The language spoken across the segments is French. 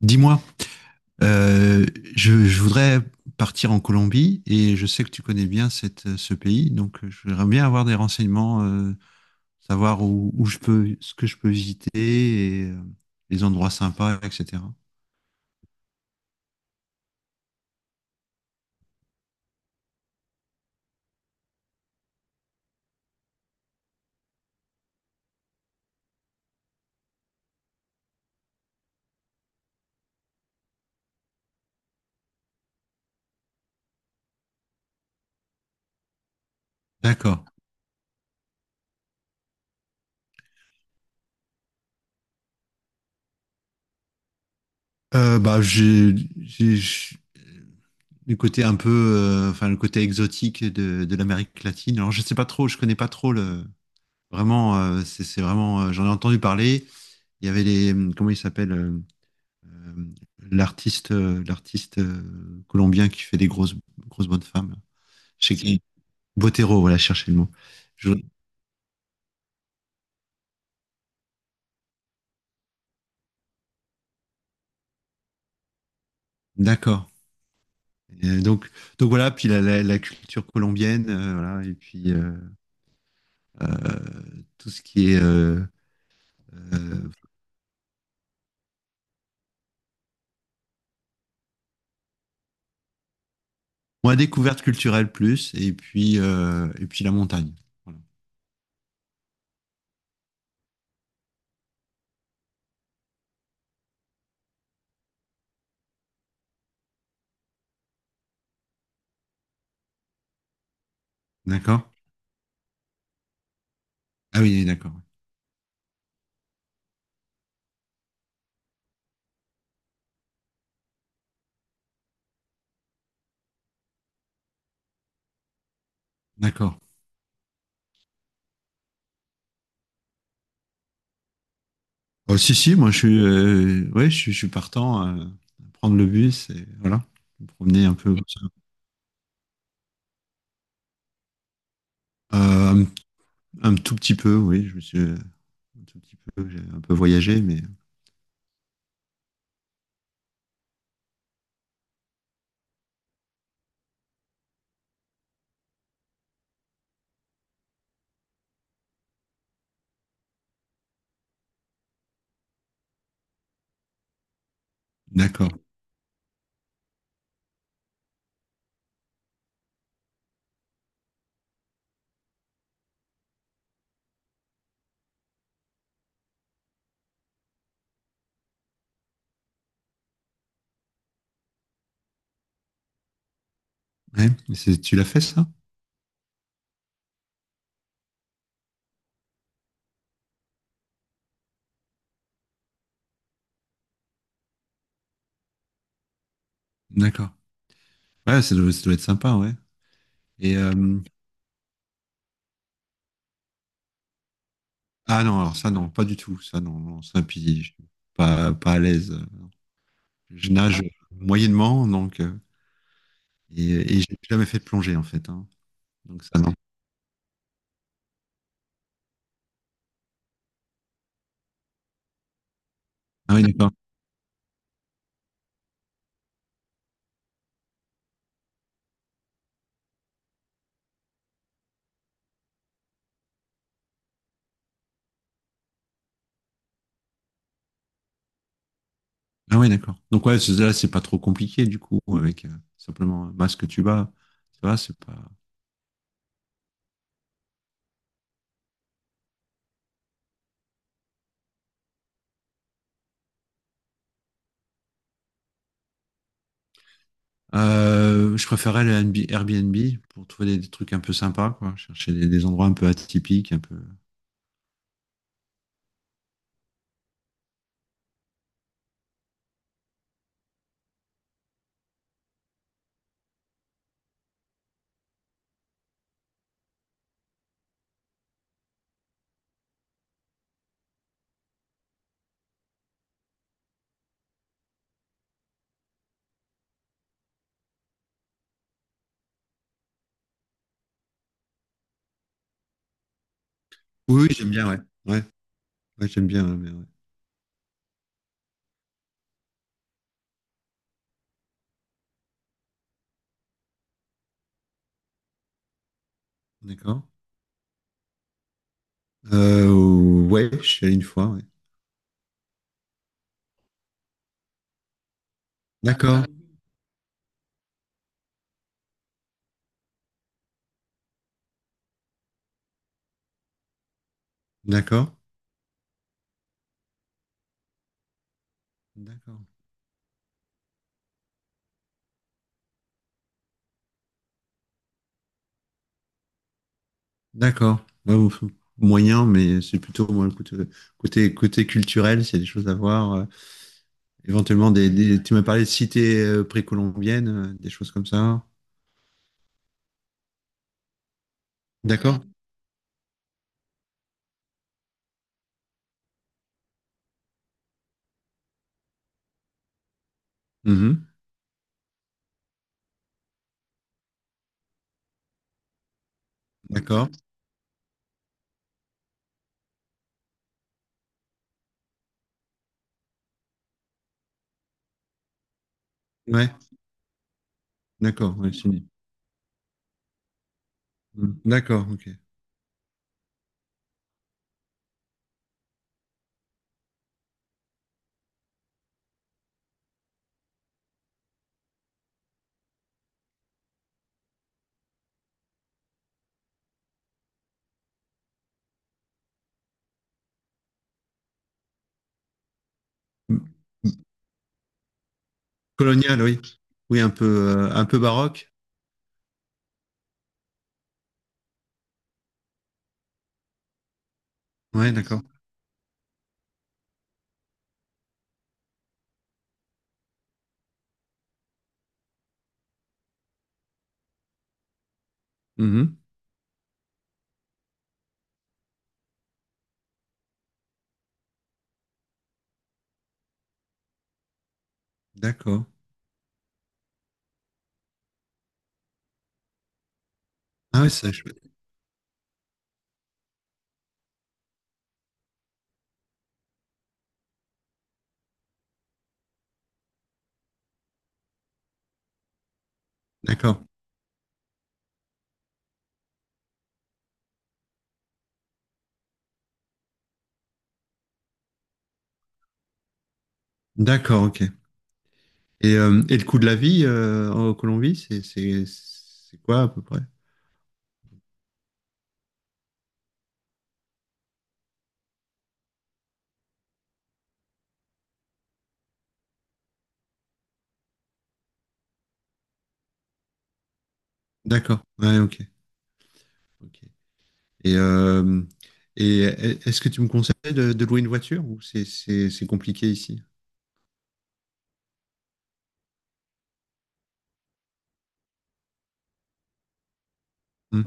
Dis-moi, euh, je voudrais partir en Colombie et je sais que tu connais bien ce pays, donc je voudrais bien avoir des renseignements, savoir où je peux, ce que je peux visiter et les endroits sympas, etc. D'accord. Bah, j'ai- j'- le côté un peu, enfin le côté exotique de l'Amérique latine. Alors je sais pas trop, je connais pas trop le. Vraiment, c'est vraiment, j'en ai entendu parler. Il y avait les, comment ils s'appellent? euh, l'artiste l'artiste colombien qui fait des grosses bonnes femmes. Je sais qui Botero, voilà, cherchez le mot. Je- D'accord. Et donc voilà, puis la culture colombienne, voilà, et puis tout ce qui est euh, moi découverte culturelle plus, et puis la montagne. Voilà. D'accord? Ah oui, d'accord, ouais. D'accord. Oh, si si, moi je suis ouais, je suis partant à prendre le bus et voilà, me promener un peu comme ça. Euh, Un tout petit peu, oui. Je me suis un tout petit peu, j'ai un peu voyagé, mais. D'accord. Ouais, mais c'est- tu l'as fait ça? D'accord. Ouais, ça doit être sympa, ouais. Et ah non, alors ça non, pas du tout, ça non, non, ça puis je suis pas à l'aise. Je nage moyennement, donc et, et j'ai jamais fait de plongée en fait, hein. Donc ça non. Ah oui, d'accord. Ah oui, d'accord. Donc ouais, c'est- là, c'est pas trop compliqué du coup, avec simplement un masque tuba. Tu vois, c'est pas. Je préférais le NB Airbnb pour trouver des trucs un peu sympas, quoi. Chercher des endroits un peu atypiques, un peu. Oui, oui, j'aime bien, ouais. Ouais, ouais, j'aime bien, ouais, mais ouais. D'accord. Euh, ouais, je suis allé une fois, ouais. D'accord, d'accord, d'accord, d'accord. Ouais, bon, moyen, mais c'est plutôt moi, le côté, côté, culturel, s'il y a des choses à voir. Éventuellement, tu m'as parlé de cités précolombiennes, des choses comme ça. D'accord? Mhm. D'accord. Ouais, d'accord. Ouais, c'est- Mm. D'accord, ok. Mm. Colonial, oui. Oui, un peu baroque. Ouais, d'accord. Mhm. D'accord. Ah ouais, ça, je- D'accord. D'accord, ok. Et le coût de la vie en Colombie, c'est quoi à peu près? D'accord. Ouais, ok. Ok. Et, euh, et est-ce que tu me conseilles de louer une voiture ou c'est compliqué ici? Hmm,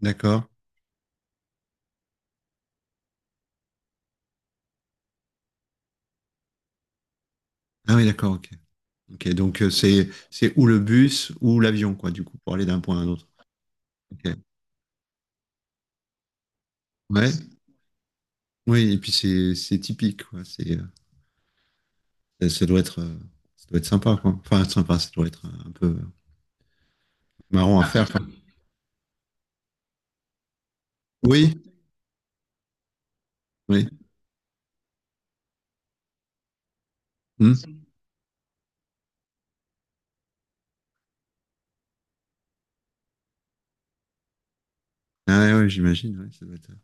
d'accord. Ah oui, d'accord, ok. Ok, donc c'est ou le bus ou l'avion, quoi, du coup, pour aller d'un point à un autre. Ok. Ouais. Oui, et puis c'est typique, quoi. C'est, ça, doit être, euh, ça doit être sympa, quoi. Enfin, sympa, ça doit être un peu marrant à faire, quoi. Oui, oui. Hmm. Ah ouais, ouais, j'imagine, ouais, ça doit être...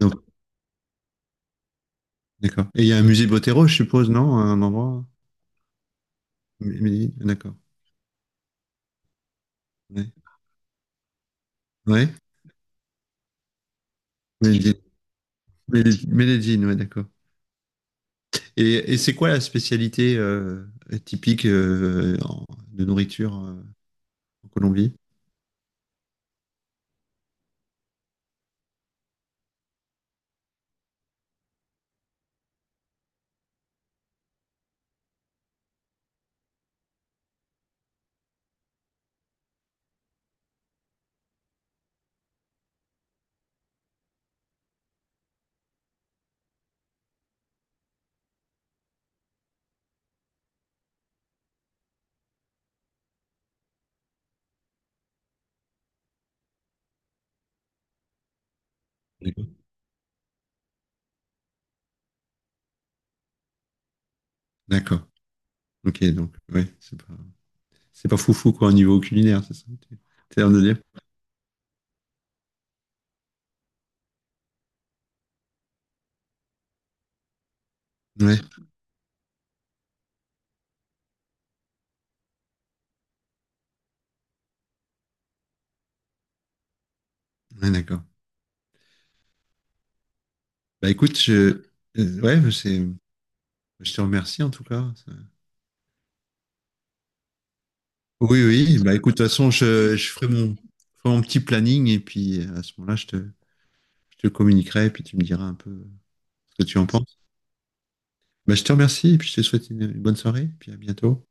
donc, d'accord. Et il y a un musée Botero, je suppose, non? Un endroit? D'accord. Ouais. Ouais. Medellín, Medellín, Medellín, ouais, d'accord. Et c'est quoi la spécialité typique de nourriture en Colombie? D'accord. D'accord. Ok, donc, ouais, c'est pas foufou, quoi, au niveau culinaire, c'est ça? Que tu- T'as l'air de dire? Ouais, ouais, d'accord. Bah écoute, euh, ouais, c'est, je te remercie en tout cas. Ça- Oui, oui, bah écoute, de toute façon, je ferai mon petit planning et puis à ce moment-là, je te communiquerai et puis tu me diras un peu ce que tu en penses. Bah, je te remercie et puis je te souhaite une bonne soirée, et puis à bientôt.